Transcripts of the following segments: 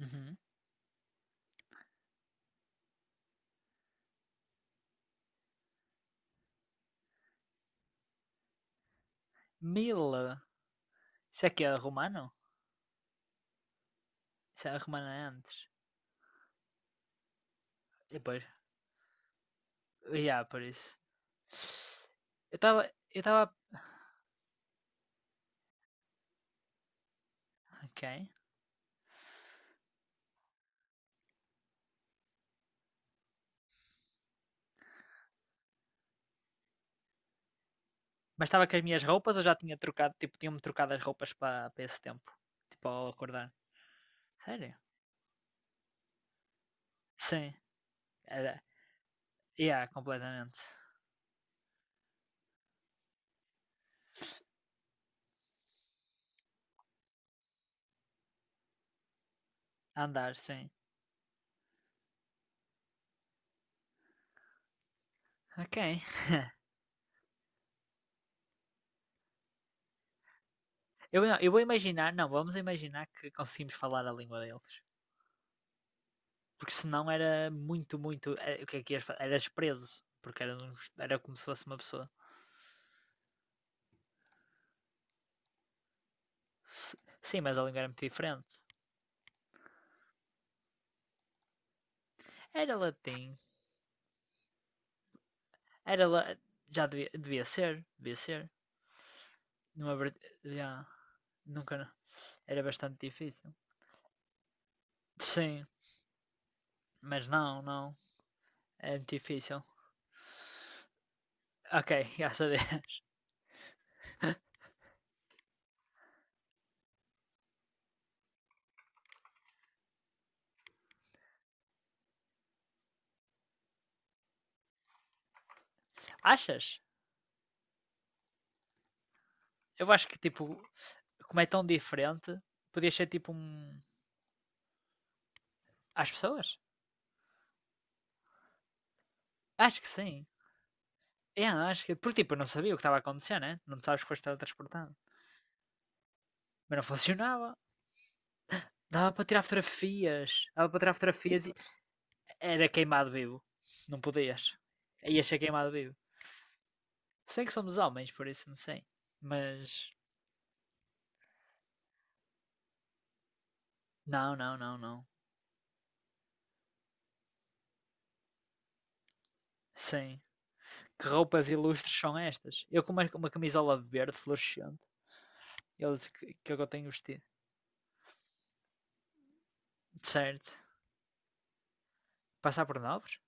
Uhum. Mila. Isso aqui é romano? Isso é romano é antes. E depois. Yeah, por isso. Eu estava. Eu estava. Ok. Mas estava com as minhas roupas ou já tinha trocado? Tipo, tinha-me trocado as roupas para esse tempo. Tipo, ao acordar. Sério? Sim. Era. Yeah, completamente. A andar, sim. Ok. Eu, não, eu vou imaginar. Não, vamos imaginar que conseguimos falar a língua deles. Porque senão era muito, muito. O que é que ias fa- Eras preso. Porque era como se fosse uma pessoa. Sim, mas a língua era muito diferente. Era latim. Era la... Já devia ser. Devia ser. Numa... Já. Nunca. Era bastante difícil. Sim. Mas não, não. É muito difícil. Ok, graças a Deus. Achas? Eu acho que, tipo, como é tão diferente, podia ser, tipo. Às pessoas? Acho que sim. É, acho que, porque, tipo, eu não sabia o que estava a acontecer, né? Não sabes que foste teletransportado. Mas não funcionava. Dava para tirar fotografias. Dava para tirar fotografias. Era queimado vivo. Não podias. Ia ser queimado vivo. Se bem que somos homens, por isso não sei. Mas. Não, não, não, não. Sim. Que roupas ilustres são estas? Eu com uma camisola verde fluorescente. Eles que eu tenho vestido. Certo. Passar por nobres?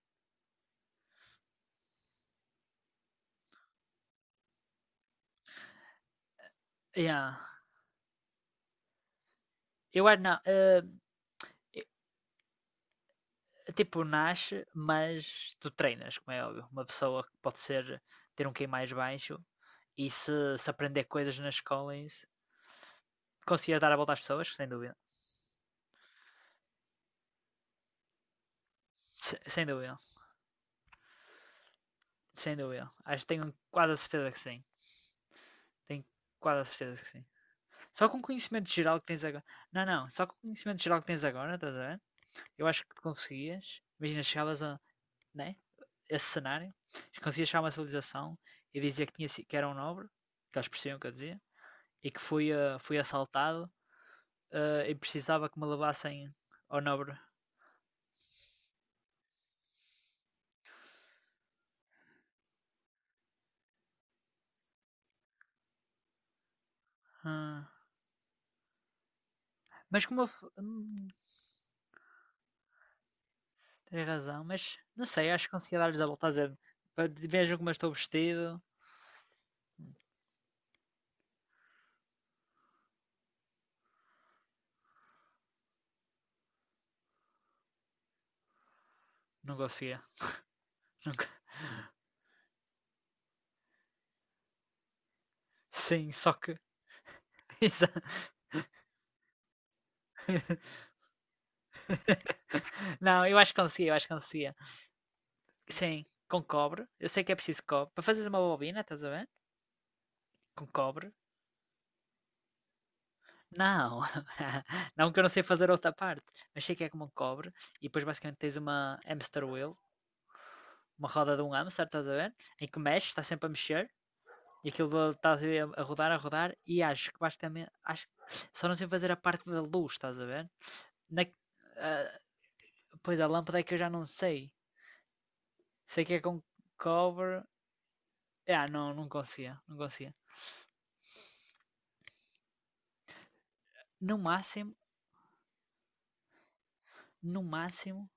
Yeah. Eu acho não. Tipo, nasce, mas tu treinas, como é óbvio. Uma pessoa que pode ser ter um QI mais baixo e se aprender coisas na escola e conseguir dar a volta às pessoas, sem dúvida. Sem dúvida, sem dúvida. Acho que tenho quase a certeza que sim. Tenho quase a certeza que sim. Só com o conhecimento geral que tens agora. Não, não, só com o conhecimento geral que tens agora, estás a ver? Eu acho que conseguias. Imagina, chegavas a, né? Esse cenário, conseguias chegar a uma civilização e dizer que, que era um nobre, que eles percebiam o que eu dizia, e que fui assaltado, e precisava que me levassem ao nobre. Ah, mas como eu. f- Hum, tens razão, mas não sei, acho que conseguia dar-lhes a volta a dizer. "Pa- Vejam como eu estou vestido. Não conseguia. Nunca. Sim, só que. Não, eu acho que conseguia, eu acho que conseguia. Sim, com cobre. Eu sei que é preciso cobre. Para fazeres uma bobina, estás a ver? Com cobre. Não, não que eu não sei fazer outra parte, mas sei que é como um cobre e depois basicamente tens uma hamster wheel, uma roda de um hamster, estás a ver? Em que mexe, está sempre a mexer e aquilo está a rodar, a rodar e acho que basicamente, acho só não sei fazer a parte da luz, estás a ver? Na, ah, pois a lâmpada é que eu já não sei, sei que é com cover. Ah, não, não conseguia, não conseguia. No máximo, no máximo,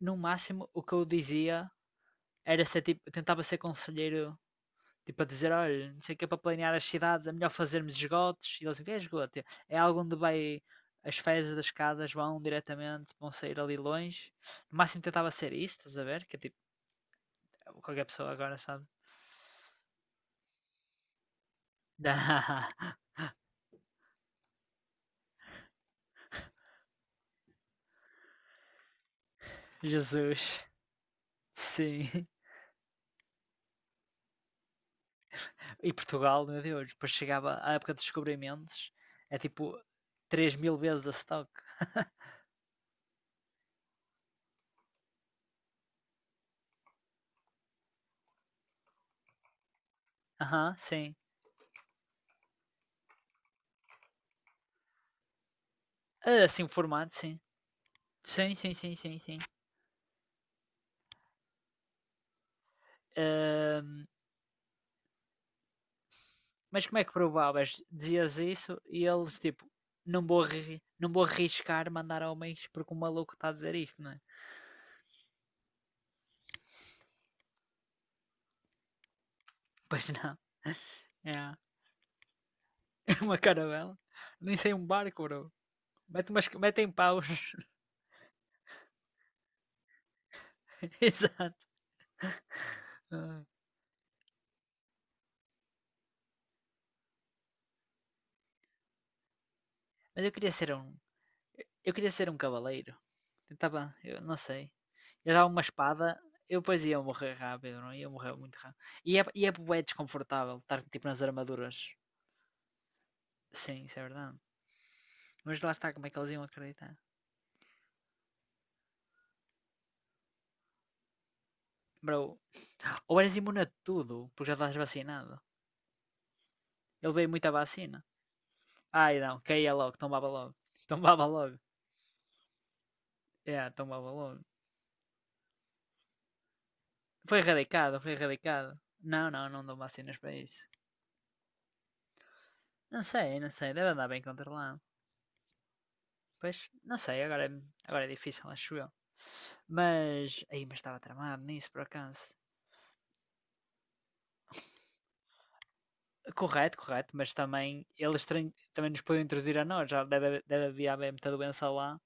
no máximo, o que eu dizia era ser tipo, tentava ser conselheiro, tipo, a dizer: olha, não sei o que é para planear as cidades, é melhor fazermos esgotos. E eles dizem: é esgoto? É algo onde vai. As fezes das escadas vão diretamente, vão sair ali longe. No máximo tentava ser isso, estás a ver? Que é tipo, qualquer pessoa agora sabe. Ah, Jesus, sim. E Portugal, meu Deus, depois chegava a época de descobrimentos, é tipo 3.000 vezes a stock. Aham, sim. Ah, assim o formato, sim. Sim, sim, sim, sim, sim. Ahm, mas como é que provavas? Dizias isso e eles tipo, não vou arriscar mandar homens porque o maluco está a dizer isto, não é? Pois não. É uma caravela. Nem sei um barco, bro. Metem paus. Exato. Ah. Mas eu queria ser um. Eu queria ser um cavaleiro. Tentava, eu não sei. Eu dava uma espada, eu depois ia morrer rápido, não? É? Ia morrer muito rápido. E é bué desconfortável estar tipo nas armaduras. Sim, isso é verdade. Mas lá está, como é que eles iam acreditar? Bro, ou eras imune a tudo, porque já estás vacinado. Eu levei muita vacina. Ai não, caía logo, tombava logo. Tombava logo. É, yeah, tombava logo. Foi erradicado, foi erradicado. Não, não, não dão vacinas para isso. Não sei, não sei, deve andar bem controlado. Pois, não sei, agora é difícil, acho eu. Mas, aí, mas estava tramado nisso, por acaso. Correto, correto, mas também nos podiam introduzir a nós, já deve haver muita doença lá.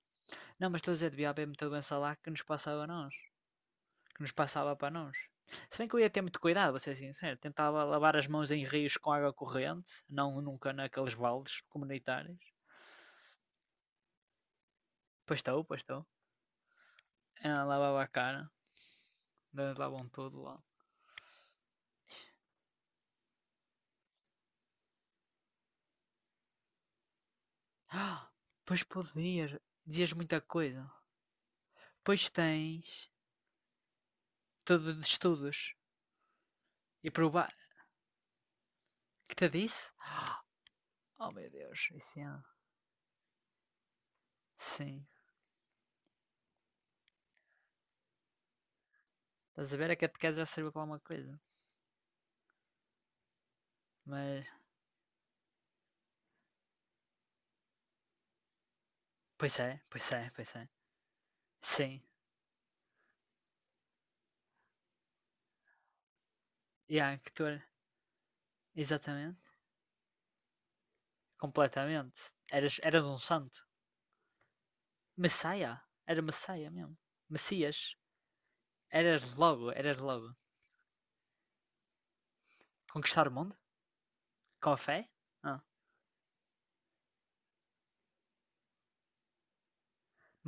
Não, mas estou a dizer, devia haver muita doença lá que nos passava a nós, que nos passava para nós. Se bem que eu ia ter muito cuidado, vou ser sincero, tentava lavar as mãos em rios com água corrente, não nunca naqueles vales comunitários. Pois estou, pois estou. Ela lavava a cara, eles lavam tudo lá. Ah, pois podias, dizias muita coisa. Pois tens todo de estudos e provar. Que te disse? Oh meu Deus, isso é. Sim. Estás a ver? A catequese já serviu para alguma coisa. Mas. Pois é, pois é, pois é. Sim. E yeah, que tu era. Exatamente. Completamente. Eras um santo. Messias. Era messias mesmo. Messias. Eras logo, eras logo. Conquistar o mundo? Com a fé? Ah.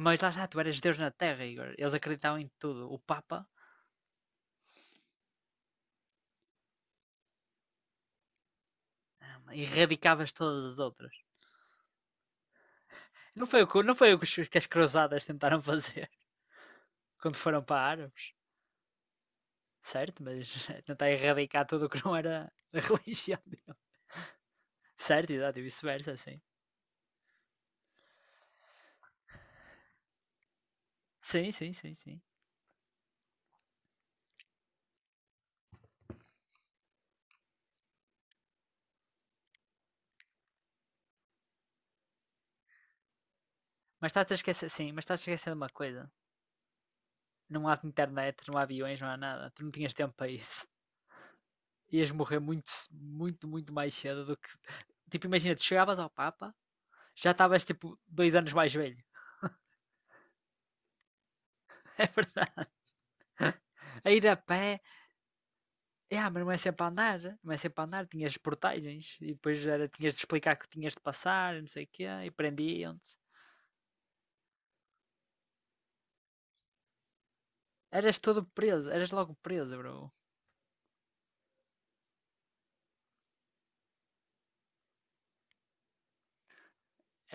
Mas lá está, tu eras Deus na Terra, Igor. Eles acreditavam em tudo. O Papa Erradicavas todas as outras. Não foi o que as cruzadas tentaram fazer quando foram para árabes. Certo, mas tentar erradicar tudo o que não era da religião dele. Certo, exato, e vice-versa, sim. Sim, sim, sim, sim. Mas estás a esquecer, sim, mas estás a esquecer de uma coisa. Não há internet, não há aviões, não há nada. Tu não tinhas tempo para isso. Ias morrer muito, muito, muito mais cedo do que. Tipo, imagina, tu chegavas ao Papa, já estavas tipo 2 anos mais velho. É verdade. A ir a pé, yeah, mas não é sempre a andar, não é sempre a andar, tinhas portagens e depois era, tinhas de explicar que tinhas de passar, não sei o quê, e prendiam-te. Eras todo preso, eras logo preso, bro.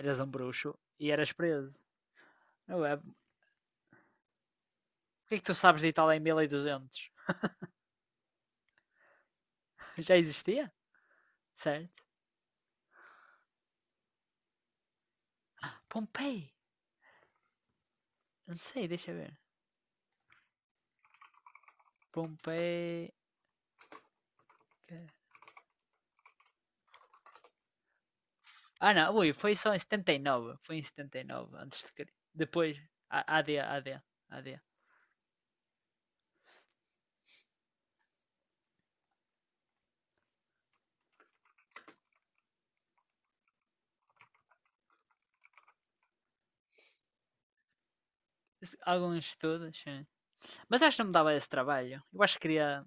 Eras um bruxo e eras preso. Não é? O que é que tu sabes de Itália em 1200? Já existia? Certo? Pompei, não sei, deixa ver. Pompei. Ah não, ui, foi só em 79, foi em 79, antes de. Depois. AD, AD, AD. Alguns estudos, sim. Mas acho que não me dava esse trabalho. Eu acho que queria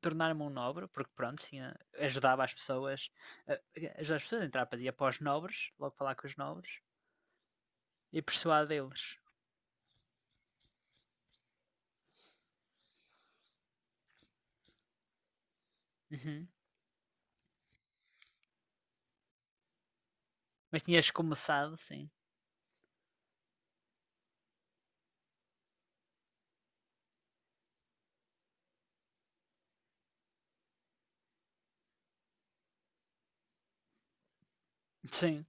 tornar-me um nobre, porque pronto, ajudava as pessoas, eh, ajudava as pessoas a entrar para ir para os nobres, logo falar com os nobres, e persuadê-los. Uhum. Mas tinhas começado, sim. Sim,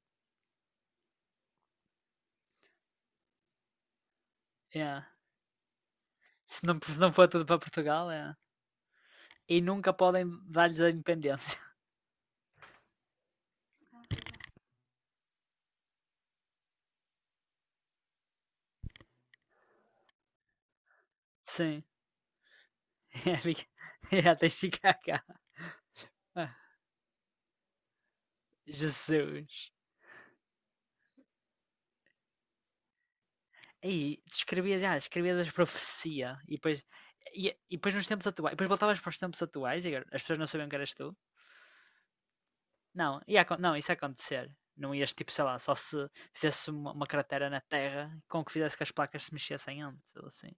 yeah. Se não for tudo para Portugal, é. E nunca podem dar-lhes a independência. Sim, yeah, fica- yeah, tens de ficar cá. Ah, Jesus. Aí, escrevias as profecia e depois, e, e depois nos tempos atuais, depois voltavas para os tempos atuais e as pessoas não sabiam que eras tu. Não, ia, não, isso ia acontecer. Não ias tipo, sei lá, só se fizesse uma cratera na terra com que fizesse que as placas se mexessem antes, ou assim.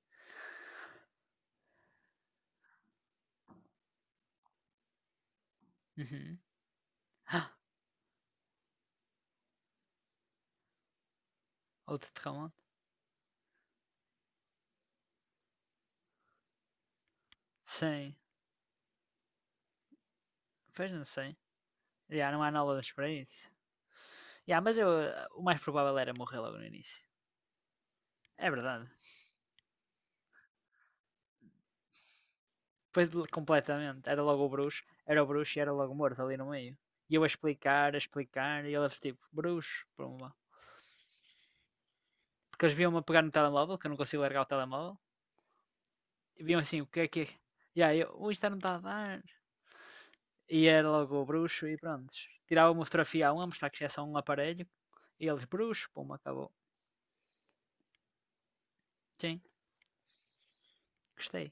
Uhum. Ah, outro terremoto? Sim, pois não sei. Já, não há análogas para isso. Já, mas eu, o mais provável era morrer logo no início. É verdade. Foi completamente. Era logo o bruxo, era o bruxo e era logo o morto ali no meio. E eu a explicar, e eles tipo, bruxo, pumba. Porque eles viam-me a pegar no telemóvel, que eu não consigo largar o telemóvel, e viam assim, o que é que é? E aí eu, "Ui, isto não está a dar. E era logo o bruxo e pronto. Tirava uma fotografia a mostrar que isto é só um aparelho, e eles, bruxo, pumba, acabou. Sim, gostei.